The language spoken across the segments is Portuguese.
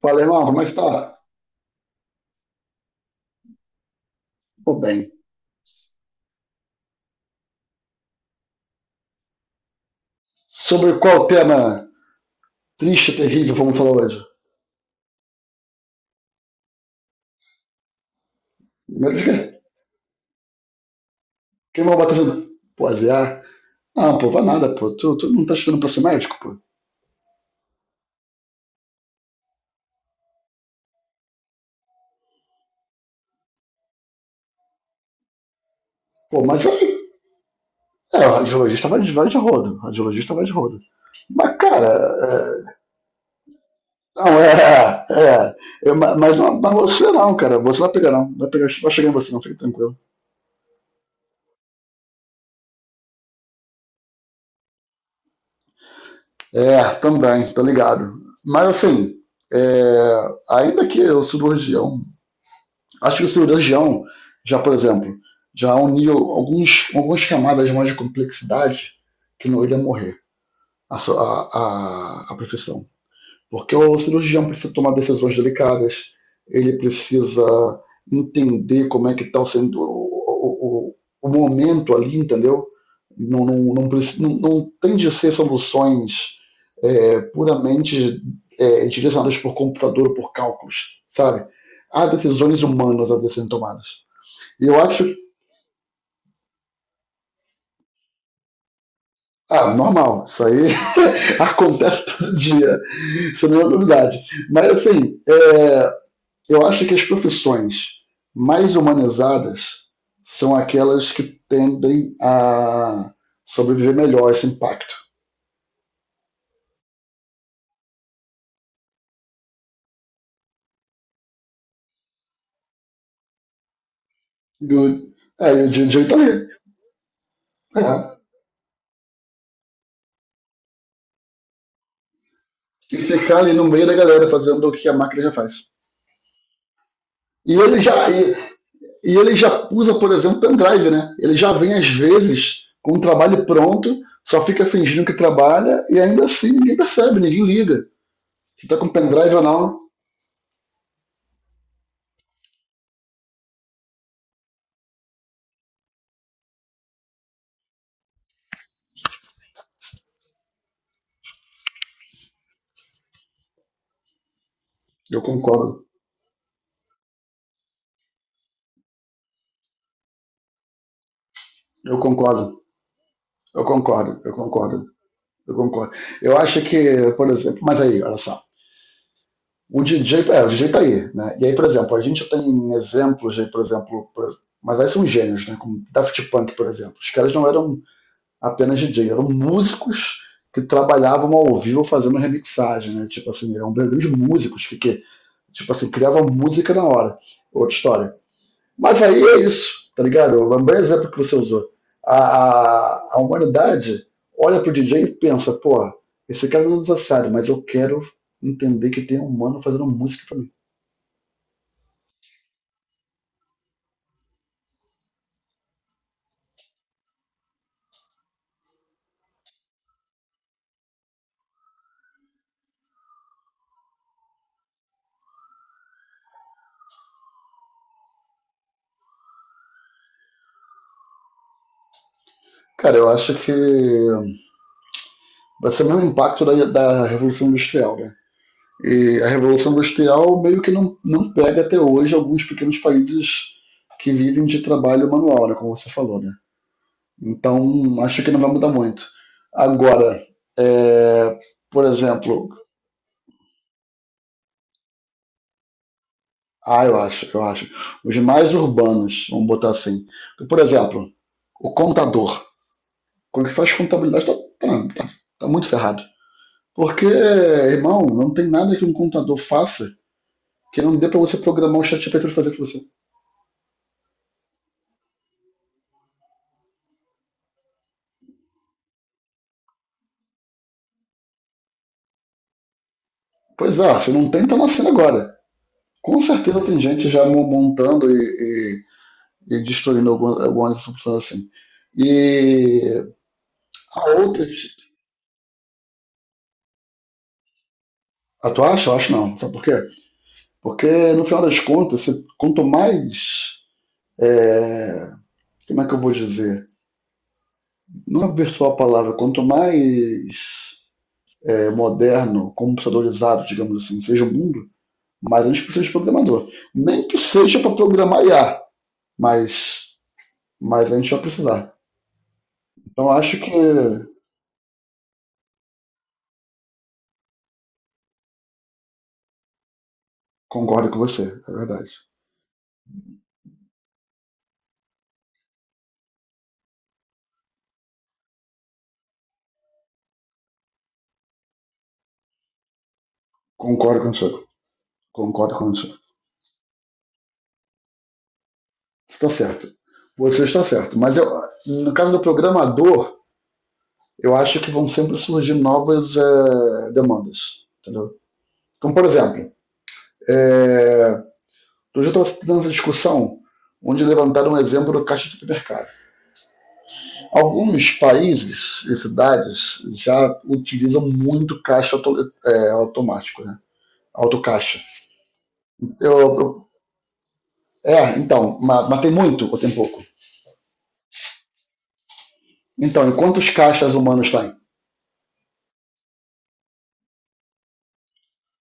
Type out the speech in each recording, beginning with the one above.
Fala, irmão, como é que está? Tô bem. Sobre qual tema triste, terrível vamos falar hoje? Mas, Quem vai bater no... Pô, azear? Não, pô, vai nada, pô. Tu não tá estudando pra ser médico, pô? Pô, mas... é, o radiologista vai de rodo. O radiologista vai de rodo. Mas, cara... Não, é. Mas, não, mas você não, cara. Você não vai pegar, não. Vai, pegar, vai chegar em você, não. Fica tranquilo. É, também. Tá ligado. Mas, assim... é, ainda que eu cirurgião, acho que o cirurgião, já por exemplo, já uniu algumas camadas mais de complexidade que não iria morrer a, so- a profissão. Porque o cirurgião precisa tomar decisões delicadas, ele precisa entender como é que está sendo o momento ali, entendeu? Não, não, não, não, não tem de ser soluções puramente direcionadas por computador ou por cálculos, sabe? Há decisões humanas a serem tomadas. E eu acho, ah, normal, isso aí acontece todo dia, isso não é novidade. Mas assim, eu acho que as profissões mais humanizadas são aquelas que tendem a sobreviver melhor a esse impacto. E o, e o DJ tá ali. É. E ficar ali no meio da galera fazendo o que a máquina já faz. E ele já, e, e ele já usa, por exemplo, pendrive, né? Ele já vem, às vezes, com um trabalho pronto, só fica fingindo que trabalha e ainda assim ninguém percebe, ninguém liga. Se tá com pendrive ou não, eu concordo. Eu concordo. Eu concordo. Eu concordo. Eu concordo. Eu acho que, por exemplo, mas aí, olha só. O DJ tá aí, né? E aí, por exemplo, a gente tem exemplos de. Mas aí são gênios, né? Como Daft Punk, por exemplo. Os caras não eram apenas DJ, eram músicos que trabalhavam ao vivo fazendo remixagem, né? Tipo assim, eram grandes músicos que tipo assim, criavam música na hora. Outra história. Mas aí é isso, tá ligado? O bom exemplo que você usou. A humanidade olha pro DJ e pensa, pô, esse cara não é necessário, mas eu quero entender que tem um humano fazendo música pra mim. Cara, eu acho que vai ser o mesmo impacto da Revolução Industrial, né? E a Revolução Industrial meio que não pega até hoje alguns pequenos países que vivem de trabalho manual, né, como você falou, né? Então, acho que não vai mudar muito. Agora, é, por exemplo, ah, eu acho. Os mais urbanos, vamos botar assim. Por exemplo, o contador. Quando ele faz contabilidade, tá- tá- tá muito ferrado. Porque, irmão, não tem nada que um contador faça que não dê pra você programar o ChatGPT pra fazer pra você. Pois é, se não tem, tá nascendo agora. Com certeza tem gente já montando e destruindo algumas funções assim. E há outras. Ah, tu acha? Eu acho não. Sabe por quê? Porque, no final das contas, quanto mais, como é que eu vou dizer? Não é virtual a palavra, quanto mais moderno, computadorizado, digamos assim, seja o mundo, mais a gente precisa de programador. Nem que seja para programar IA, mas, mas a gente vai precisar. Então acho que concordo com você, é verdade. Concordo contigo. Concordo contigo. Você está certo. Você está certo. Mas eu, no caso do programador, eu acho que vão sempre surgir novas demandas. Entendeu? Então, por exemplo, é, outro dia eu estava tendo essa discussão, onde levantaram um exemplo do caixa de supermercado. Alguns países e cidades já utilizam muito caixa automático, né? Autocaixa. Eu, eu- então, mas, tem muito ou tem pouco? Então, e quantos caixas humanos tem?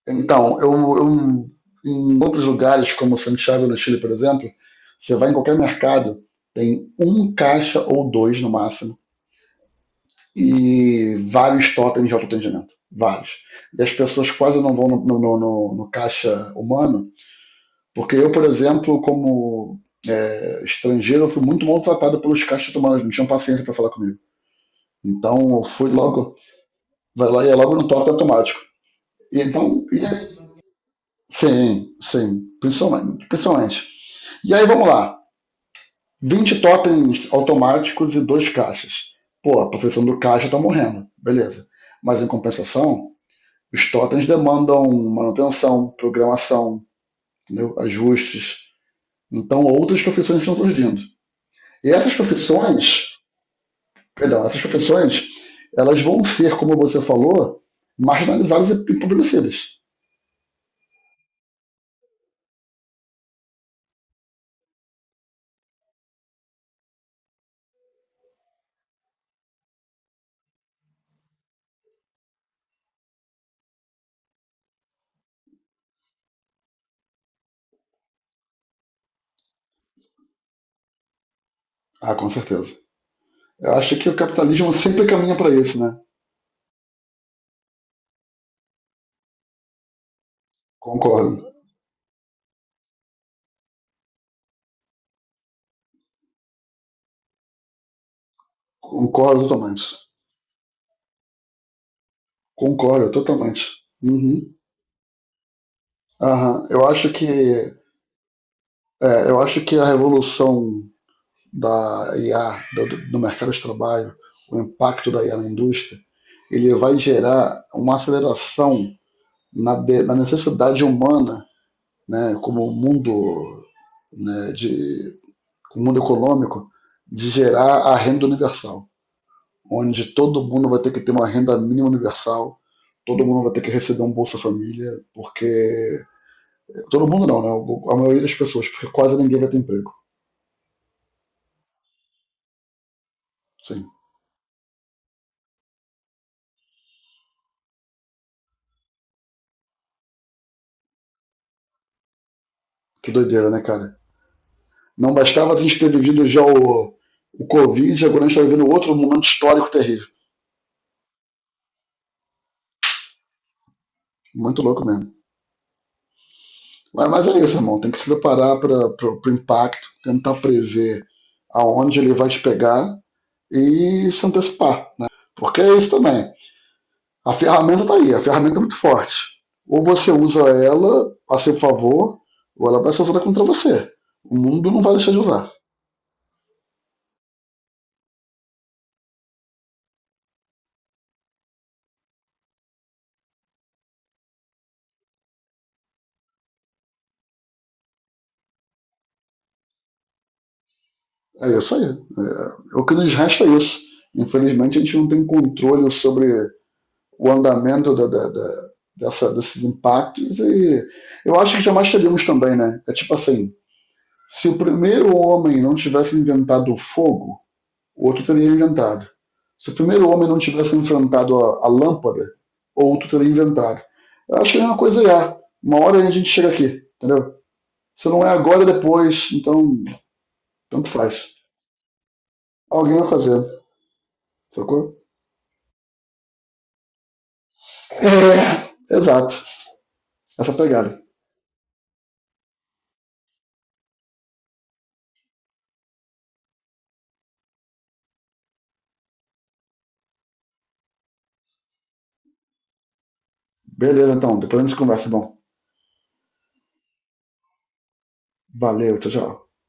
Então, eu- em outros lugares, como Santiago no Chile, por exemplo, você vai em qualquer mercado, tem um caixa ou dois no máximo e vários totens de autoatendimento. Vários. E as pessoas quase não vão no caixa humano, porque eu, por exemplo, como estrangeiro, eu fui muito maltratado pelos caixas humanos, não tinham paciência para falar comigo. Então eu fui logo, vai lá e é logo no totem automático. E então, sim, sim, principalmente, principalmente. E aí vamos lá: 20 totens automáticos e dois caixas. Pô, a profissão do caixa tá morrendo, beleza. Mas em compensação, os totens demandam manutenção, programação, entendeu? Ajustes. Então, outras profissões estão surgindo. E essas profissões, perdão, essas profissões, elas vão ser, como você falou, marginalizadas e empobrecidas. Ah, com certeza. Eu acho que o capitalismo sempre caminha para isso, né? Concordo. Concordo totalmente. Concordo totalmente. Uhum. Aham. Eu acho que a revolução da IA do mercado de trabalho, o impacto da IA na indústria, ele vai gerar uma aceleração na necessidade humana, né, como o mundo, né, o mundo econômico, de gerar a renda universal, onde todo mundo vai ter que ter uma renda mínima universal, todo mundo vai ter que receber um Bolsa Família, porque... Todo mundo não, né? A maioria das pessoas, porque quase ninguém vai ter emprego. Sim. Que doideira, né, cara? Não bastava a gente ter vivido já o Covid, agora a gente está vivendo outro momento histórico terrível. Muito louco mesmo. Mas é isso, irmão. Tem que se preparar para o impacto, tentar prever aonde ele vai te pegar e se antecipar. Né? Porque é isso também. A ferramenta está aí, a ferramenta é muito forte. Ou você usa ela a seu favor, ou ela vai ser usada contra você. O mundo não vai deixar de usar. É isso aí. É, o que nos resta é isso. Infelizmente, a gente não tem controle sobre o andamento desses impactos. E eu acho que jamais teríamos também, né? É tipo assim: se o primeiro homem não tivesse inventado o fogo, o outro teria inventado. Se o primeiro homem não tivesse enfrentado a lâmpada, o outro teria inventado. Eu acho que é uma coisa já. Uma hora a gente chega aqui, entendeu? Se não é agora, é depois. Então, tanto faz. Alguém vai fazer, sacou? É, exato. Essa pegada. Beleza, então. Depois a gente conversa. Bom, valeu. Tchau, tchau.